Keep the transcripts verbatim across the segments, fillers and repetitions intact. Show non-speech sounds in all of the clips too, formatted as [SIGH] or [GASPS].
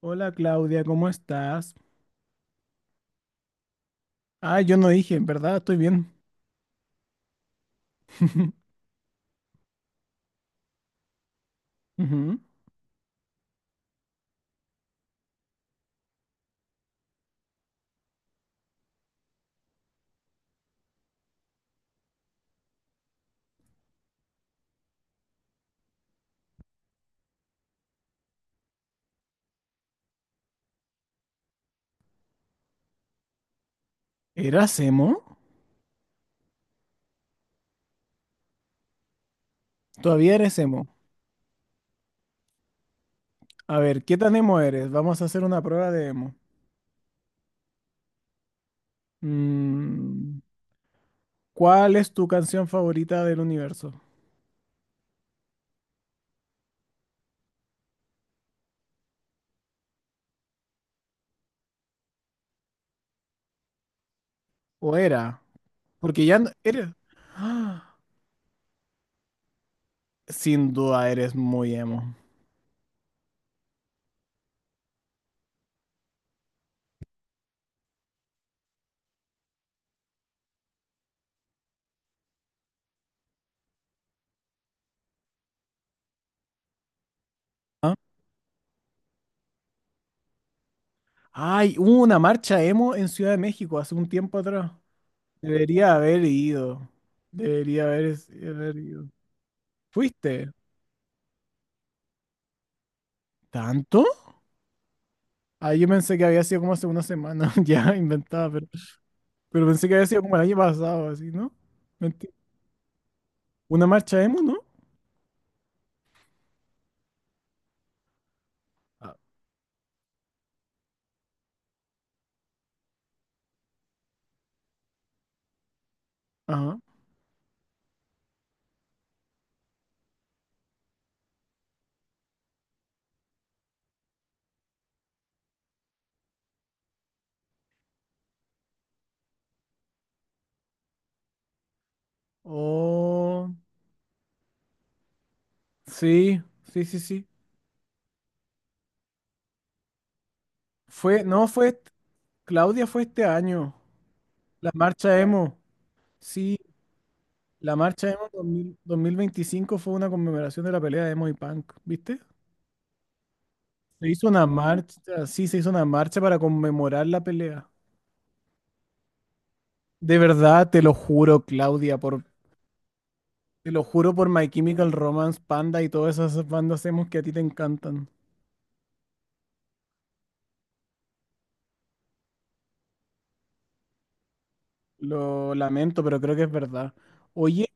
Hola Claudia, ¿cómo estás? Ah, yo no dije, en verdad, estoy bien. [LAUGHS] Ujú. ¿Eras emo? Todavía eres emo. A ver, ¿qué tan emo eres? Vamos a hacer una prueba de emo. Mm, ¿cuál es tu canción favorita del universo? ¿O era? Porque ya no, eres... [GASPS] ¡Ah! Sin duda eres muy emo. ¿Ah? Ay, hubo una marcha emo en Ciudad de México hace un tiempo atrás. Debería haber ido. Debería haber, haber ido. ¿Fuiste? ¿Tanto? Ah, yo pensé que había sido como hace una semana, [LAUGHS] ya inventada, pero, pero pensé que había sido como el año pasado, así, ¿no? Mentira. Una marcha emo, ¿no? Ah. Ajá. Oh, sí, sí, sí, sí. Fue, no, fue, est- Claudia fue este año. La marcha emo. Sí, la marcha emo dos mil dos mil veinticinco fue una conmemoración de la pelea de emo y punk, ¿viste? Se hizo una marcha, sí, se hizo una marcha para conmemorar la pelea. De verdad, te lo juro, Claudia, por Te lo juro por My Chemical Romance, Panda y todas esas bandas emos que a ti te encantan. Lo lamento, pero creo que es verdad. Oye,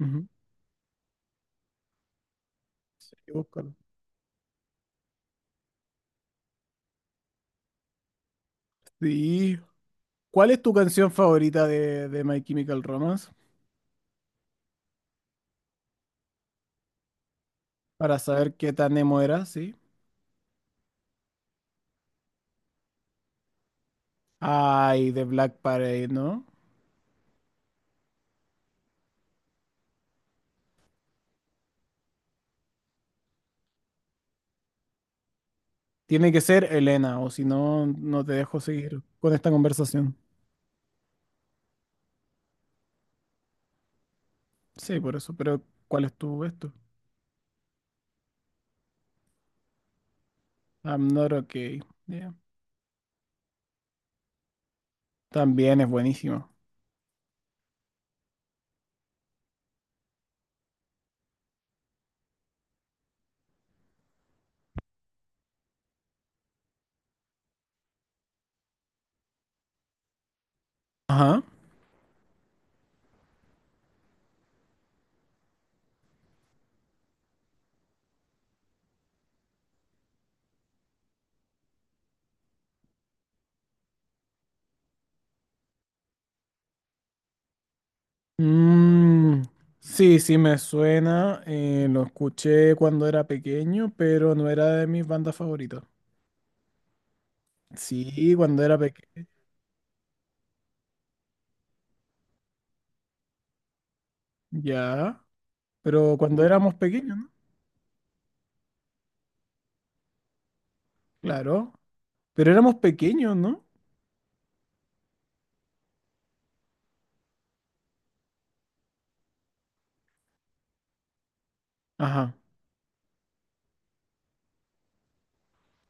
ujú, sí, búscalo. Sí. ¿Cuál es tu canción favorita de, de My Chemical Romance? Para saber qué tan emo era, ¿sí? Ay, de Black Parade, ¿no? Tiene que ser Elena, o si no, no te dejo seguir con esta conversación. Sí, por eso, pero ¿cuál es tu esto? I'm not okay. Yeah. También es buenísimo. Ajá. Mm, sí, sí me suena. Eh, lo escuché cuando era pequeño, pero no era de mis bandas favoritas. Sí, cuando era pequeño. Ya. Pero cuando éramos pequeños, ¿no? Claro. Pero éramos pequeños, ¿no? Ajá.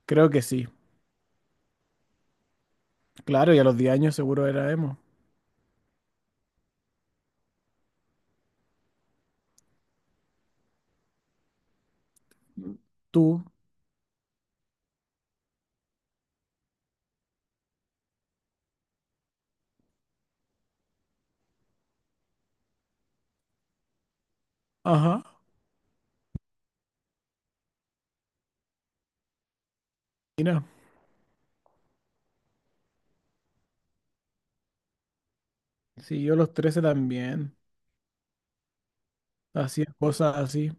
Creo que sí. Claro, y a los diez años seguro era emo. Tú. Ajá. Mira. Sí, yo a los trece también. Hacía cosas así.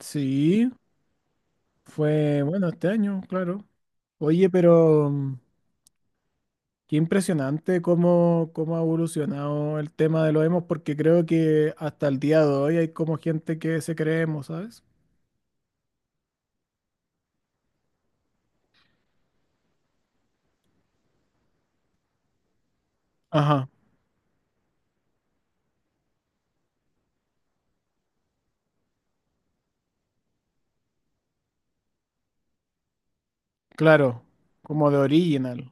Sí. Fue, bueno, este año, claro. Oye, pero... Qué impresionante cómo, cómo ha evolucionado el tema de los emos, porque creo que hasta el día de hoy hay como gente que se cree emo, ¿sabes? Ajá, claro, como de original.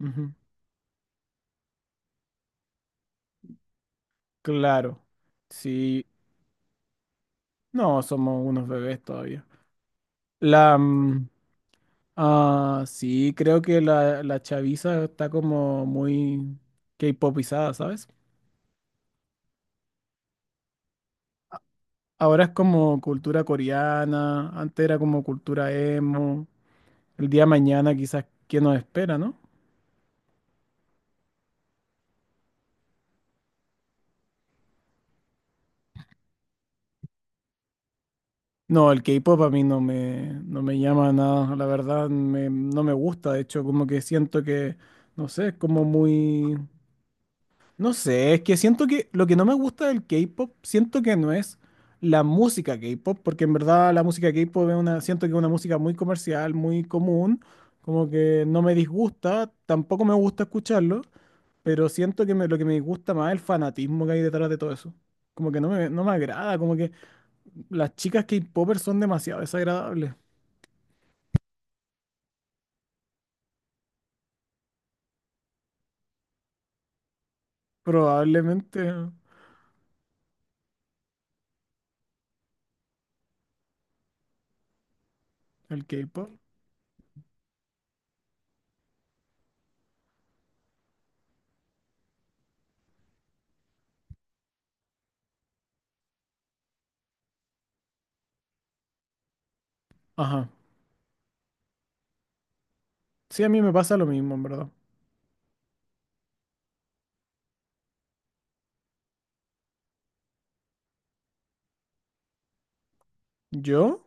Ujú, claro, sí, no, somos unos bebés todavía. La, mm, ah, sí, creo que la, la chaviza está como muy K-popizada, ¿sabes? Ahora es como cultura coreana, antes era como cultura emo. El día de mañana quizás, ¿qué nos espera, no? No, el K-pop a mí no me, no me llama nada, la verdad, me- no me gusta, de hecho, como que siento que, no sé, es como muy, no sé, es que siento que lo que no me gusta del K-pop, siento que no es la música K-pop, porque en verdad la música K-pop es una, siento que es una música muy comercial, muy común, como que no me disgusta, tampoco me gusta escucharlo, pero siento que me- lo que me disgusta más es el fanatismo que hay detrás de todo eso, como que no me, no me agrada, las chicas K-popers son demasiado desagradables. Probablemente el K-pop. Ajá. Sí, a mí me pasa lo mismo, en verdad. ¿Yo?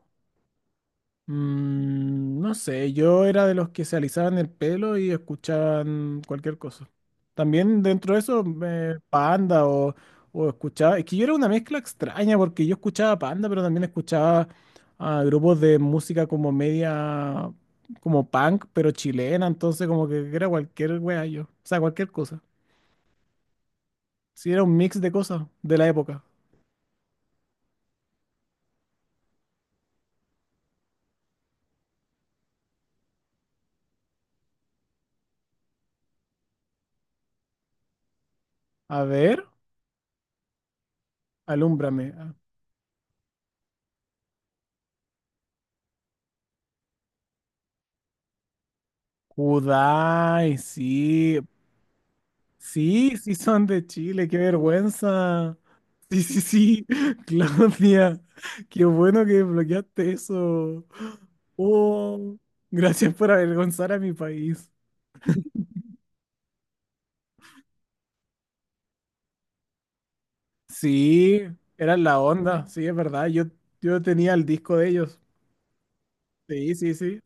Mm, no sé, yo era de los que se alisaban el pelo y escuchaban cualquier cosa. También dentro de eso, eh, Panda o, o escuchaba... Es que yo era una mezcla extraña porque yo escuchaba Panda, pero también escuchaba a grupos de música como media... como punk, pero chilena, entonces como que era cualquier wea yo. O sea, cualquier cosa. Sí, era un mix de cosas de la época. A ver, alúmbrame. Ah, Kudai, sí. Sí, sí son de Chile, qué vergüenza. Sí, sí, sí, [LAUGHS] Claudia, qué bueno que bloqueaste eso. Oh, gracias por avergonzar a mi país. Sí, eran la onda, sí, es verdad. Yo, yo tenía el disco de ellos. Sí, sí, sí.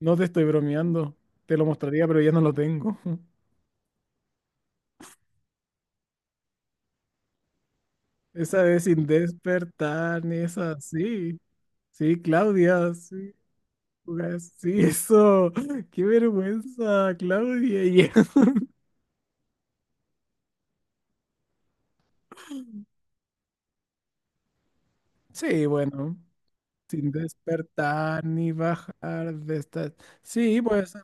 No te estoy bromeando. Te lo mostraría, pero ya no lo tengo. [LAUGHS] Esa vez sin despertar, ni es así. Sí, Claudia, sí, pues, sí, eso. [LAUGHS] Qué vergüenza, Claudia. Y- [LAUGHS] Sí, bueno, sin despertar ni bajar de esta. Sí, pues,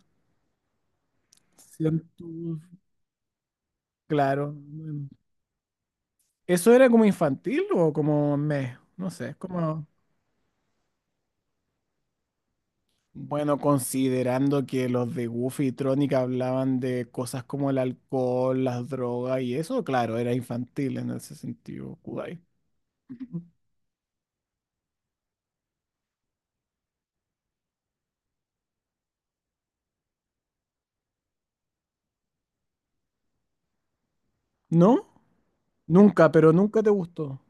siento, claro. Mm. Eso era como infantil o como me, no sé, como. Bueno, considerando que los de Goofy y Tronic hablaban de cosas como el alcohol, las drogas y eso, claro, era infantil en ese sentido, Kudai. ¿No? Nunca, pero nunca te gustó.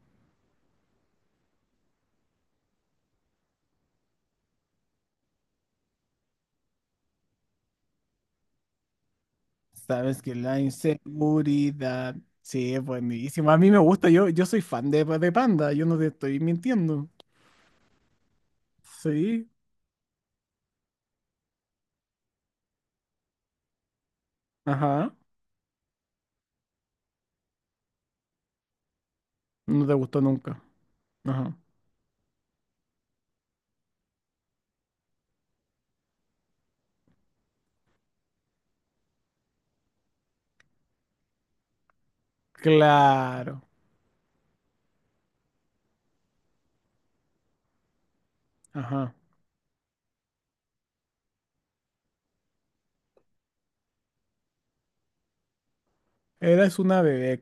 Sabes que la inseguridad, sí, es buenísimo. A mí me gusta, yo, yo soy fan de, de, Panda, yo no te estoy mintiendo. Sí, ajá, no te gustó nunca. Ajá, claro, ajá. Eres una bebé,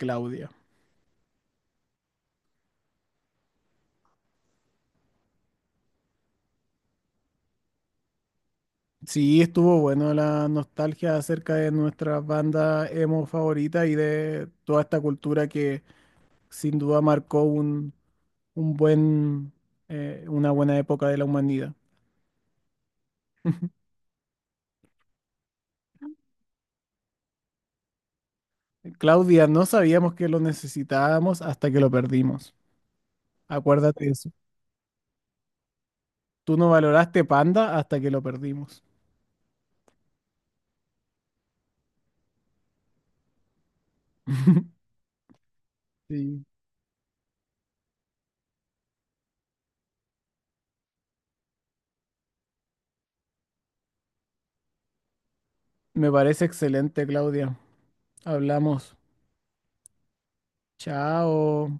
sí, estuvo bueno la nostalgia acerca de nuestra banda emo favorita y de toda esta cultura que sin duda marcó un, un buen, eh, una buena época de la humanidad. [LAUGHS] Claudia, no sabíamos que lo necesitábamos hasta que lo perdimos. Acuérdate de eso. Tú no valoraste Panda hasta que lo perdimos. [LAUGHS] Sí. Me parece excelente, Claudia. Hablamos. Chao.